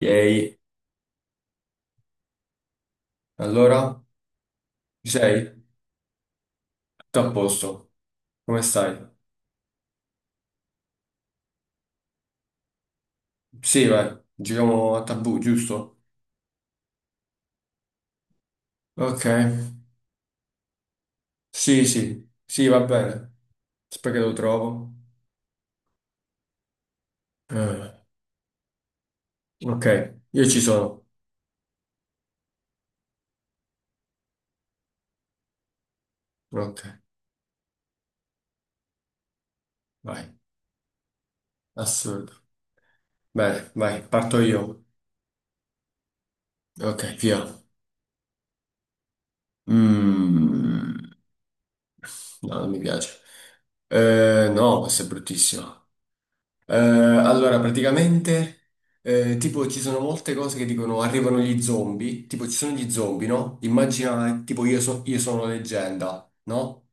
Ehi, allora, ci sei? Tutto a posto? Come stai? Sì, vai, giriamo a tabù, giusto? Ok, sì, sì, sì, va bene. Aspetta che lo trovo. Eh, ok, io ci sono. Ok, vai, assurdo. Bene, vai, parto io. Ok, via. Mm, no, non mi piace. No, questa è bruttissima. Allora, praticamente, tipo, ci sono molte cose che dicono arrivano gli zombie, tipo, ci sono gli zombie, no? Immagina, tipo, io, io sono leggenda, no?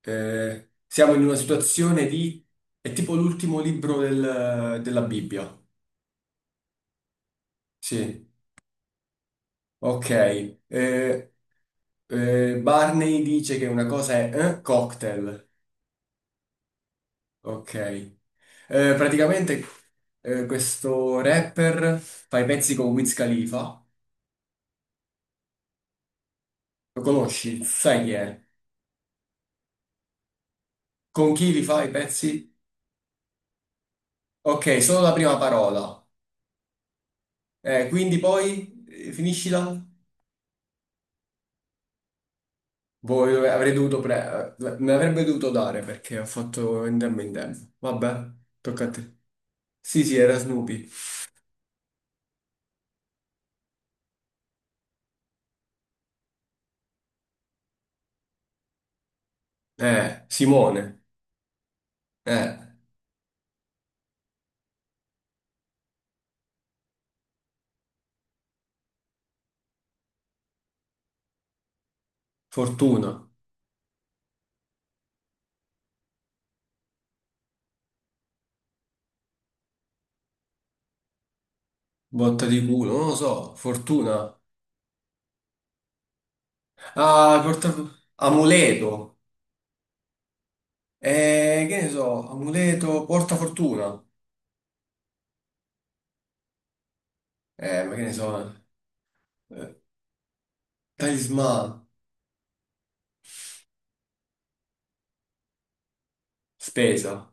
Siamo in una situazione di, è tipo l'ultimo libro della Bibbia. Sì, ok. Eh, Barney dice che una cosa è cocktail. Ok. Praticamente, questo rapper fa i pezzi con Wiz Khalifa. Lo conosci? Sai chi è? Con chi li fai i pezzi? Ok, solo la prima parola. Quindi poi finiscila? Avrei dovuto me l'avrebbe dovuto dare perché ho fatto in tempo. Vabbè, tocca a te. Sì, sì, era Snoopy. Simone. Eh, Fortuna. Botta di culo, non lo so. Fortuna. Ah, porta. Amuleto. Che ne so, amuleto, porta fortuna. Ma che ne so. Eh, talismano. Spesa,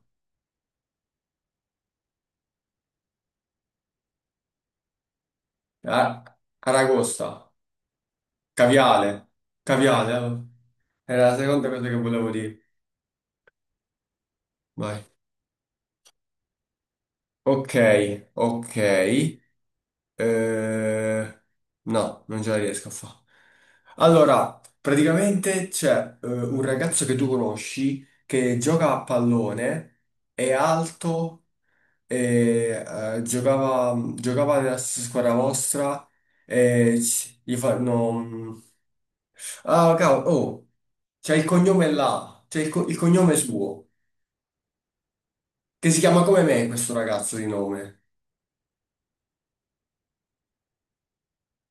a- aragosta, caviale, caviale, eh. Era la seconda cosa che volevo dire. Vai. Ok, ok, eh, no, non ce la riesco a fare. Allora, praticamente c'è un ragazzo che tu conosci che gioca a pallone, è alto, e, giocava nella stessa squadra vostra e gli fanno. Ah, cavolo, oh, c'è il cognome là, il cognome suo, che si chiama come me questo ragazzo di nome.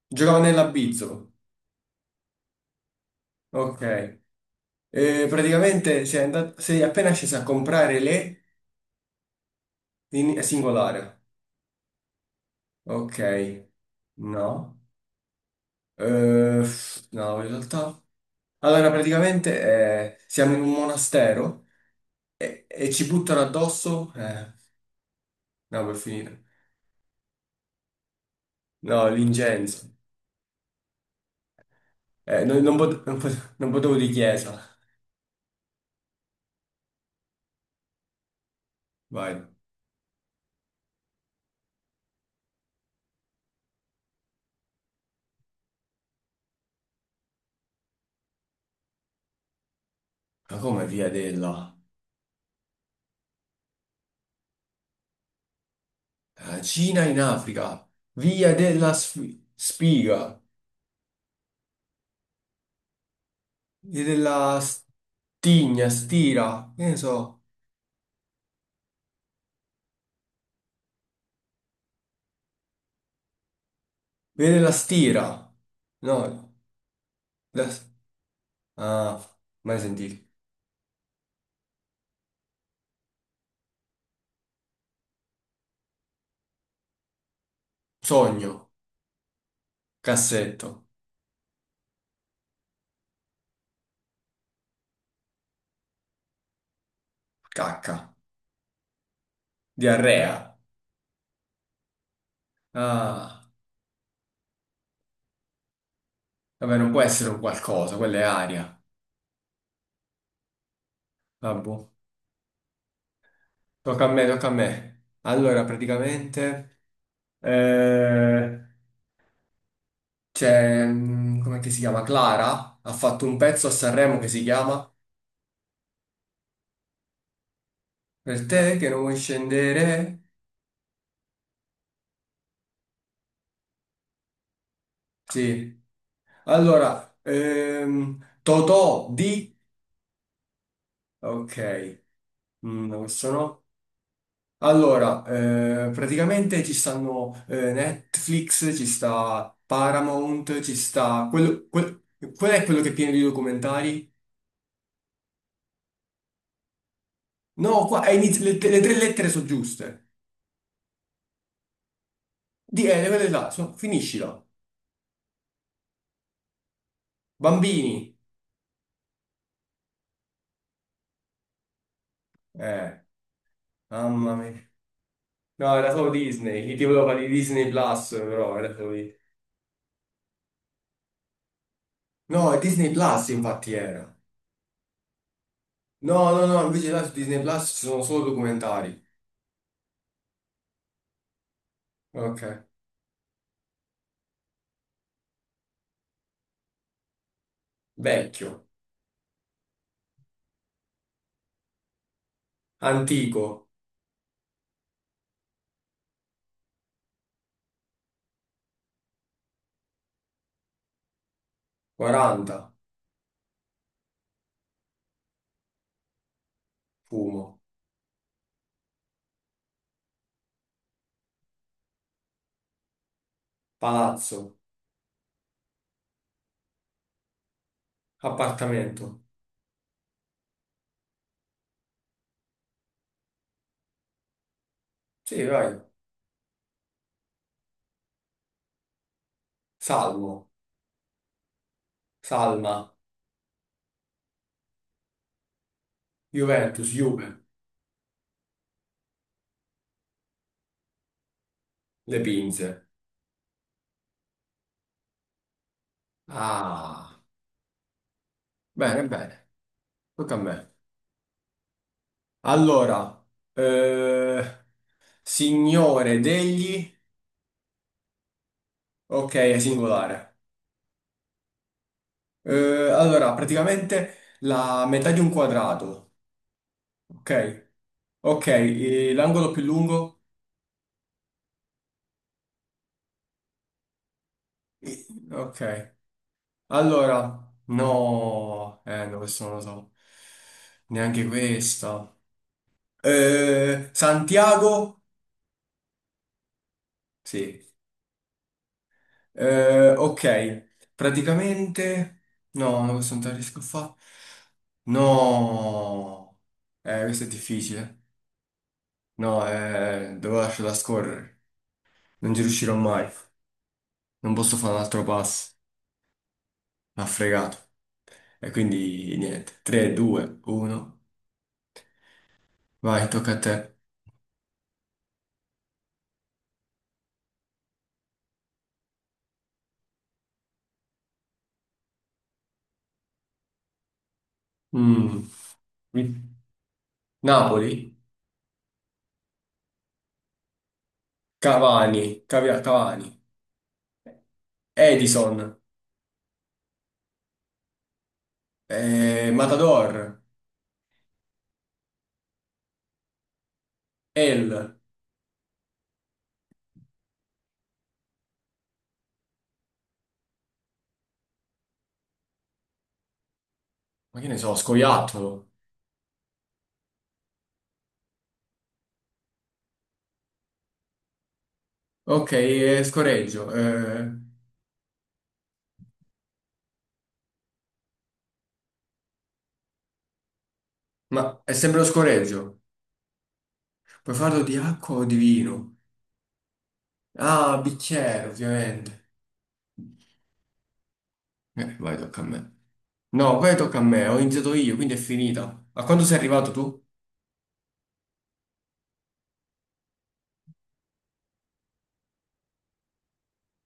Giocava nell'Abizzo. Ok. Praticamente sei appena sceso a comprare le in singolare. Ok. No. No, in realtà. Allora, praticamente siamo in un monastero e ci buttano addosso. No, per finire. No, l'incenso. Non potevo di chiesa. Vai. Ma come via della? La Cina in Africa? Via della spiga? Via della stigna, stira? Che ne so? Via della stira? No, la- ah, mai sentito. Sogno, cassetto, cacca, diarrea. Ah, vabbè, non può essere un qualcosa, quella è aria. Vabbè, tocca a me, tocca a me. Allora, praticamente, eh, c'è, com'è che si chiama? Clara ha fatto un pezzo a Sanremo che si chiama Per te che non vuoi scendere. Sì. Allora, Totò di. Ok. No, questo no. Allora, praticamente ci stanno Netflix, ci sta Paramount, ci sta. Qual è quello che è pieno di documentari? No, qua è le tre lettere sono giuste. Le quelle là, finiscila. Bambini. Eh. Mamma mia. No, era solo Disney, gli ti volevo fare di Disney Plus, però era solo. No, è Disney Plus infatti era. No, no, no, invece là su Disney Plus ci sono solo documentari. Ok. Vecchio, antico, 40, fumo, palazzo, appartamento. Sì, vai. Salmo, Salma, Juventus, Juve, Le Pinze. Ah, bene, bene, tocca a me. Allora, eh, signore degli. Ok, è singolare. Allora, praticamente la metà di un quadrato, ok? Ok, l'angolo più lungo, eh, ok. Allora, no, no, questo non lo so, neanche questa. Santiago, sì. Ok, praticamente, no, no, questo non te la riesco a fare. No, questo è difficile. No, devo lasciarla scorrere, non ci riuscirò mai. Non posso fare un altro passo. M'ha fregato. E quindi niente. 3, 2, 1. Vai, tocca a te. Mm. Mi- Napoli. Cavani. Cavani. Edison. Eh, Matador. El. Ma che ne so, Scoiattolo. Ok, scoreggio. Ma è sempre lo scoreggio. Puoi farlo di acqua o di vino? Ah, bicchiere, ovviamente. Vai, tocca a me. No, poi tocca a me. Ho iniziato io, quindi è finita. A quando sei arrivato tu?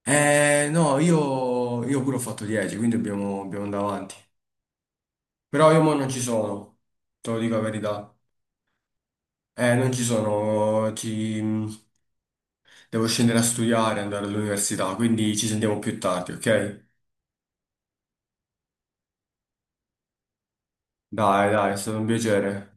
No, io pure ho fatto 10, quindi dobbiamo andare avanti. Però io mo non ci sono, te lo dico la verità. Non ci sono, devo scendere a studiare, andare all'università, quindi ci sentiamo più tardi, ok? Dai, dai, è stato un piacere.